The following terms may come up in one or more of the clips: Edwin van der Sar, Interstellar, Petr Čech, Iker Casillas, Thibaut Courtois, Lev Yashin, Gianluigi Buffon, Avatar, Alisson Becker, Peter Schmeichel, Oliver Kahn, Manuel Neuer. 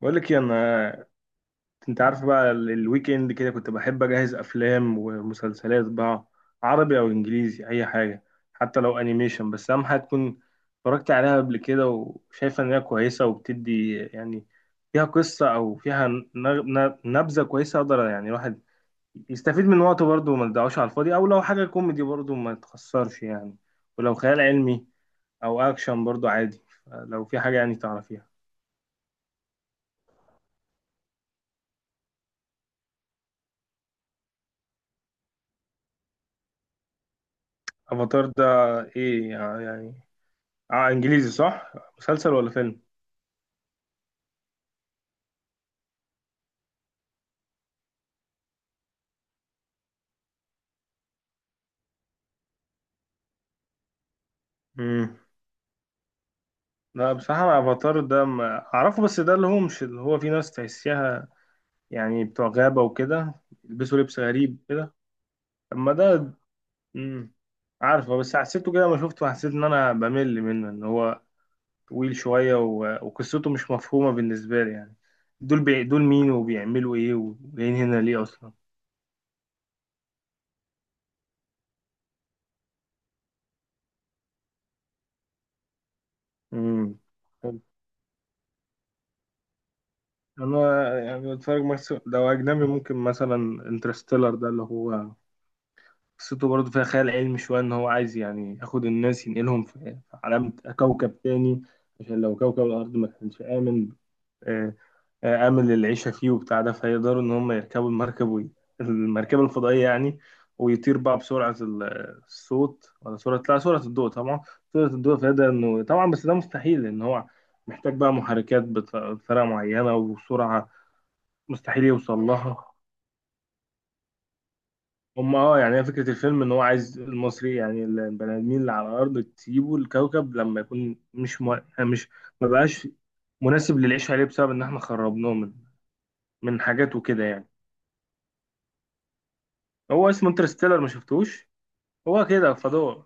بقول لك إيه، انت عارف بقى الويك اند كده، كنت بحب اجهز افلام ومسلسلات بقى، عربي او انجليزي اي حاجه، حتى لو انيميشن. بس اهم حاجه تكون اتفرجت عليها قبل كده وشايفه ان هي كويسه وبتدي يعني فيها قصه، او فيها نبذه كويسه اقدر يعني الواحد يستفيد من وقته برضه وما تضيعوش على الفاضي، او لو حاجه كوميدي برضه ما تخسرش يعني، ولو خيال علمي او اكشن برضه عادي، لو في حاجه يعني تعرفيها. افاتار ده ايه يعني؟ اه انجليزي صح؟ مسلسل ولا فيلم؟ امم لا بصراحة أنا افاتار ده ما اعرفه، بس ده اللي هو مش اللي هو في ناس تحسيها يعني بتوع غابة وكده، يلبسوا لبس غريب كده؟ اما ده، امم عارفه، بس حسيته كده ما شفته، حسيت ان انا بمل منه، ان هو طويل شوية وقصته مش مفهومة بالنسبة لي يعني، دول مين وبيعملوا ايه وجايين هنا ليه اصلا؟ امم انا يعني بتفرج مثلا لو اجنبي، ممكن مثلا انترستيلر ده اللي هو قصته برضه فيها خيال علمي شوية، إن هو عايز يعني ياخد الناس ينقلهم في، في عالم، كوكب تاني، عشان لو كوكب الأرض ما كانش آمن. آه، آمن للعيشة فيه وبتاع ده، فيقدروا إن هم يركبوا المركبة الفضائية يعني، ويطير بقى بسرعة الصوت، ولا سرعة، لا سرعة الضوء طبعا. سرعة الضوء فيقدر إنه، طبعا بس ده مستحيل، لأن هو محتاج بقى محركات بطريقة معينة وسرعة مستحيل يوصل لها. هم يعني هي فكرة الفيلم ان هو عايز المصري، يعني البني ادمين اللي على الارض تسيبوا الكوكب لما يكون مش مو... يعني مش ما بقاش مناسب للعيش عليه، بسبب ان احنا خربناه من، من حاجات وكده يعني. هو اسمه انترستيلر، ما شفتوش؟ هو كده فضاء.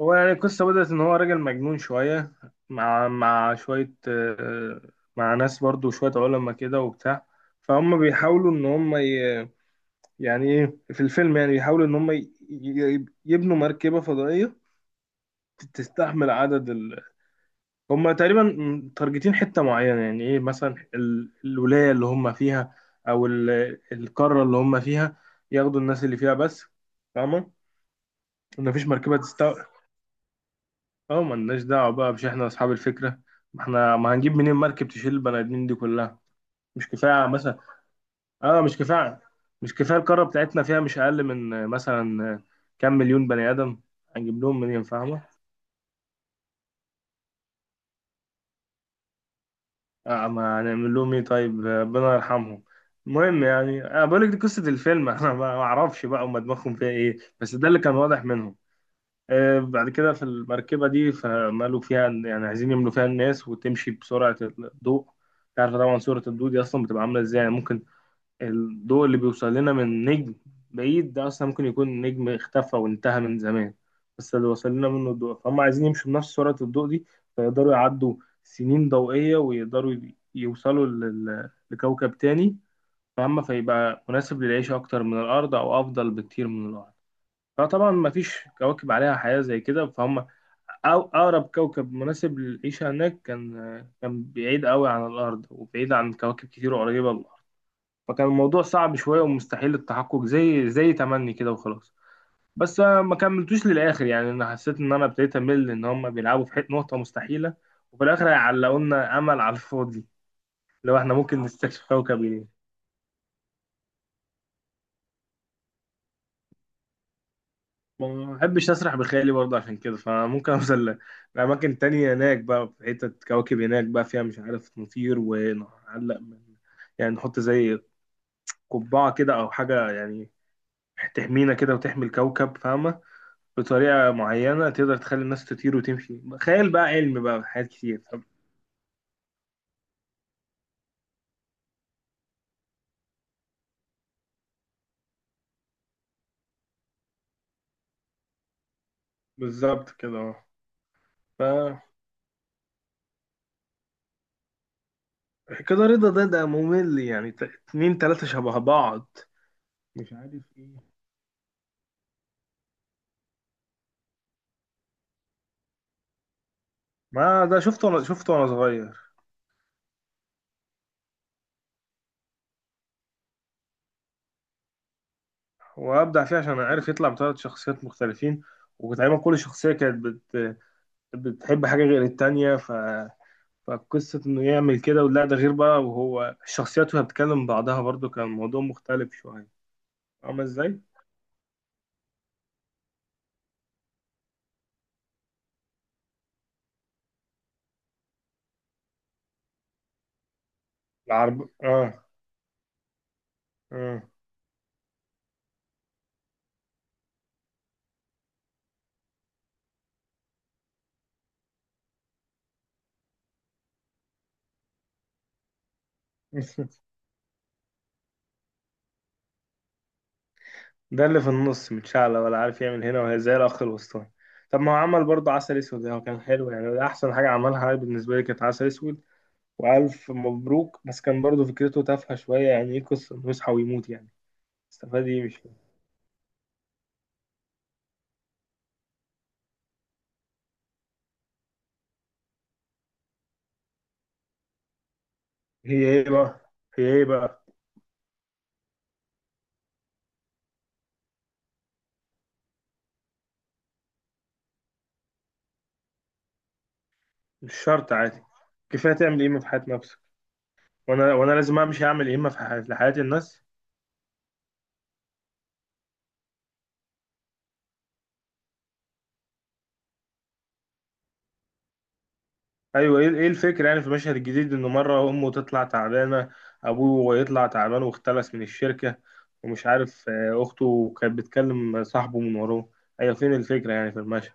هو يعني القصة بدأت ان هو راجل مجنون شوية، مع شوية مع ناس برضو شوية علماء كده وبتاع، فهم بيحاولوا ان هم يعني ايه في الفيلم، يعني بيحاولوا ان هم يبنوا مركبة فضائية تستحمل عدد هم تقريبا متارجتين حتة معينة، يعني ايه مثلا الولاية اللي هم فيها، او القارة اللي هم فيها، ياخدوا الناس اللي فيها بس، فاهمة؟ مفيش مركبة تستوعب. اه ملناش دعوة بقى، مش احنا اصحاب الفكرة، ما احنا ما هنجيب منين مركب تشيل البني ادمين دي كلها. مش كفاية مثلا؟ اه مش كفاية. مش كفاية، القارة بتاعتنا فيها مش اقل من مثلا كام مليون بني ادم، هنجيب لهم منين، فاهمة؟ آه ما هنعمل لهم ايه، طيب ربنا يرحمهم. المهم يعني انا بقول لك دي قصه الفيلم، انا ما اعرفش بقى هم دماغهم فيها ايه، بس ده اللي كان واضح منهم. آه بعد كده في المركبه دي، فمالوا فيها يعني عايزين يملوا فيها الناس وتمشي بسرعه الضوء. انت عارف طبعا سرعه الضوء دي اصلا بتبقى عامله ازاي؟ يعني ممكن الضوء اللي بيوصل لنا من نجم بعيد ده أصلا ممكن يكون نجم اختفى وانتهى من زمان، بس اللي وصل لنا منه الضوء، فهم عايزين يمشوا بنفس سرعة الضوء دي، فيقدروا يعدوا سنين ضوئية ويقدروا يوصلوا لكوكب تاني، فهم فيبقى مناسب للعيش أكتر من الأرض، أو أفضل بكتير من الأرض. فطبعا مفيش كواكب عليها حياة زي كده، فهم. أو أقرب كوكب مناسب للعيشة هناك كان، بعيد قوي عن الأرض وبعيد عن كواكب كتير قريبة، فكان الموضوع صعب شوية ومستحيل التحقق، زي تمني كده وخلاص. بس أنا ما كملتوش للآخر، يعني أنا حسيت إن أنا ابتديت أمل إن هم بيلعبوا في حتة نقطة مستحيلة، وفي الآخر هيعلقوا لنا أمل على الفاضي. لو إحنا ممكن نستكشف كوكب جديد، ما بحبش أسرح بخيالي برضه عشان كده، فممكن أوصل لأماكن تانية، هناك بقى في حتة كواكب هناك بقى فيها مش عارف، نطير ونعلق من، يعني نحط زي قبعة كده أو حاجة يعني، تحمينا كده وتحمي الكوكب، فاهمة؟ بطريقة معينة تقدر تخلي الناس تطير وتمشي، خيال بقى، علم بقى، حاجات كتير. طب بالظبط كده اه. ف كده رضا ده ممل يعني، اتنين تلاتة شبه بعض، مش عارف ايه. ما ده شفته وانا، صغير. وابدع فيه عشان عارف يطلع بثلاث شخصيات مختلفين، وتقريبا كل شخصية كانت بتحب حاجة غير التانية، فقصة إنه يعمل كده، ولا ده غير بقى، وهو الشخصيات وهي بتكلم بعضها برضو، كان الموضوع مختلف شوية. عامل ازاي؟ العرب اه، اه. ده اللي في النص متشعلق، ولا عارف يعمل هنا، وهي زي الأخ الوسطاني. طب ما هو عمل برضه عسل أسود، هو كان حلو يعني، ده أحسن حاجة عملها بالنسبة لي كانت عسل أسود وألف مبروك. بس كان برضه فكرته تافهة شوية، يعني إيه قصة إنه يصحى ويموت يعني؟ استفاد إيه، مش فاهم. هي إيه بقى هي إيه بقى؟ مش شرط عادي، كفاية تعمل قيمة في حياة نفسك، وأنا لازم أمشي أعمل قيمة في حياة، لحياة الناس. ايوه ايه، إيه الفكره يعني في المشهد الجديد؟ انه مره امه تطلع تعبانه، ابوه يطلع تعبان واختلس من الشركه، ومش عارف اخته كانت بتكلم صاحبه من وراه. ايوه فين الفكره يعني في المشهد؟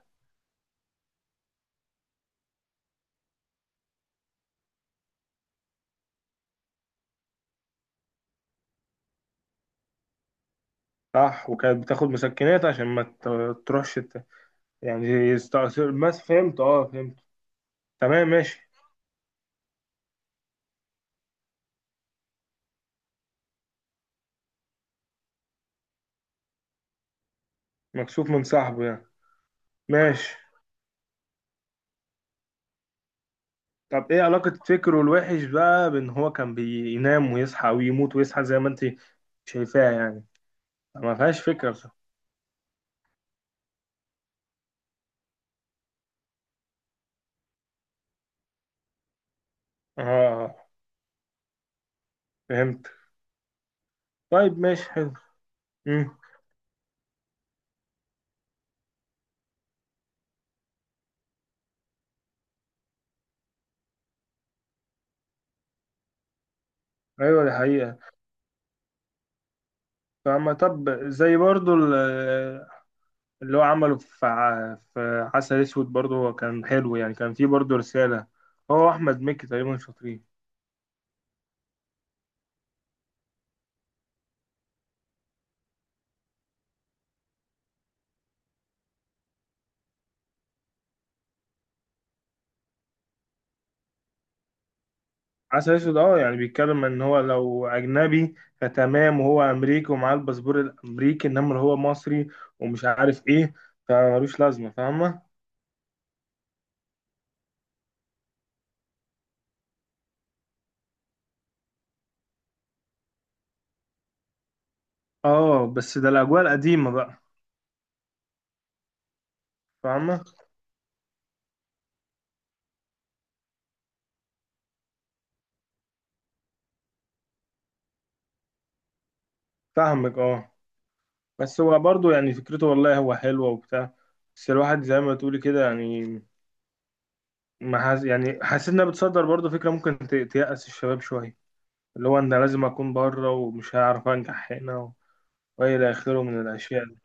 صح، وكانت بتاخد مسكنات عشان ما تروحش يعني يستأثر، بس فهمت اه فهمت. تمام ماشي. مكسوف من صاحبه يعني. ماشي. طب ايه علاقة فكره الوحش بقى بان هو كان بينام ويصحى ويموت ويصحى، زي ما انت شايفاها يعني، ما فيهاش فكرة بصراحة. اه فهمت. طيب ماشي حلو. امم ايوه دي حقيقة. فما طب زي برضو اللي هو عمله في في عسل اسود، برضو هو كان حلو يعني، كان فيه برضو رسالة. هو احمد مكي تقريبا شاطرين. عسل اسود اه، يعني بيتكلم ان هو لو اجنبي فتمام، وهو امريكي ومعاه الباسبور الامريكي، انما لو هو مصري ومش عارف ايه فملوش لازمة، فاهمة؟ اه بس ده الاجواء القديمة بقى. فاهمة، فاهمك اه. بس هو برضه يعني فكرته والله هو حلوة وبتاع، بس الواحد زي ما تقولي كده يعني ما حاس، يعني حاسس انها بتصدر برضه فكرة ممكن تيأس الشباب شوية، اللي هو انا لازم اكون بره ومش هعرف انجح هنا والى اخره من الاشياء دي.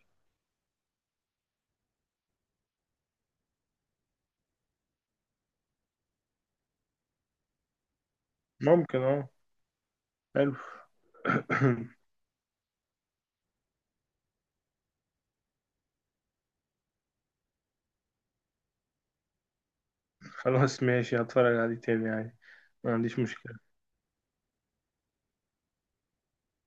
ممكن اه. حلو. خلاص ماشي، هتفرج عليه تاني يعني، ما عنديش مشكلة.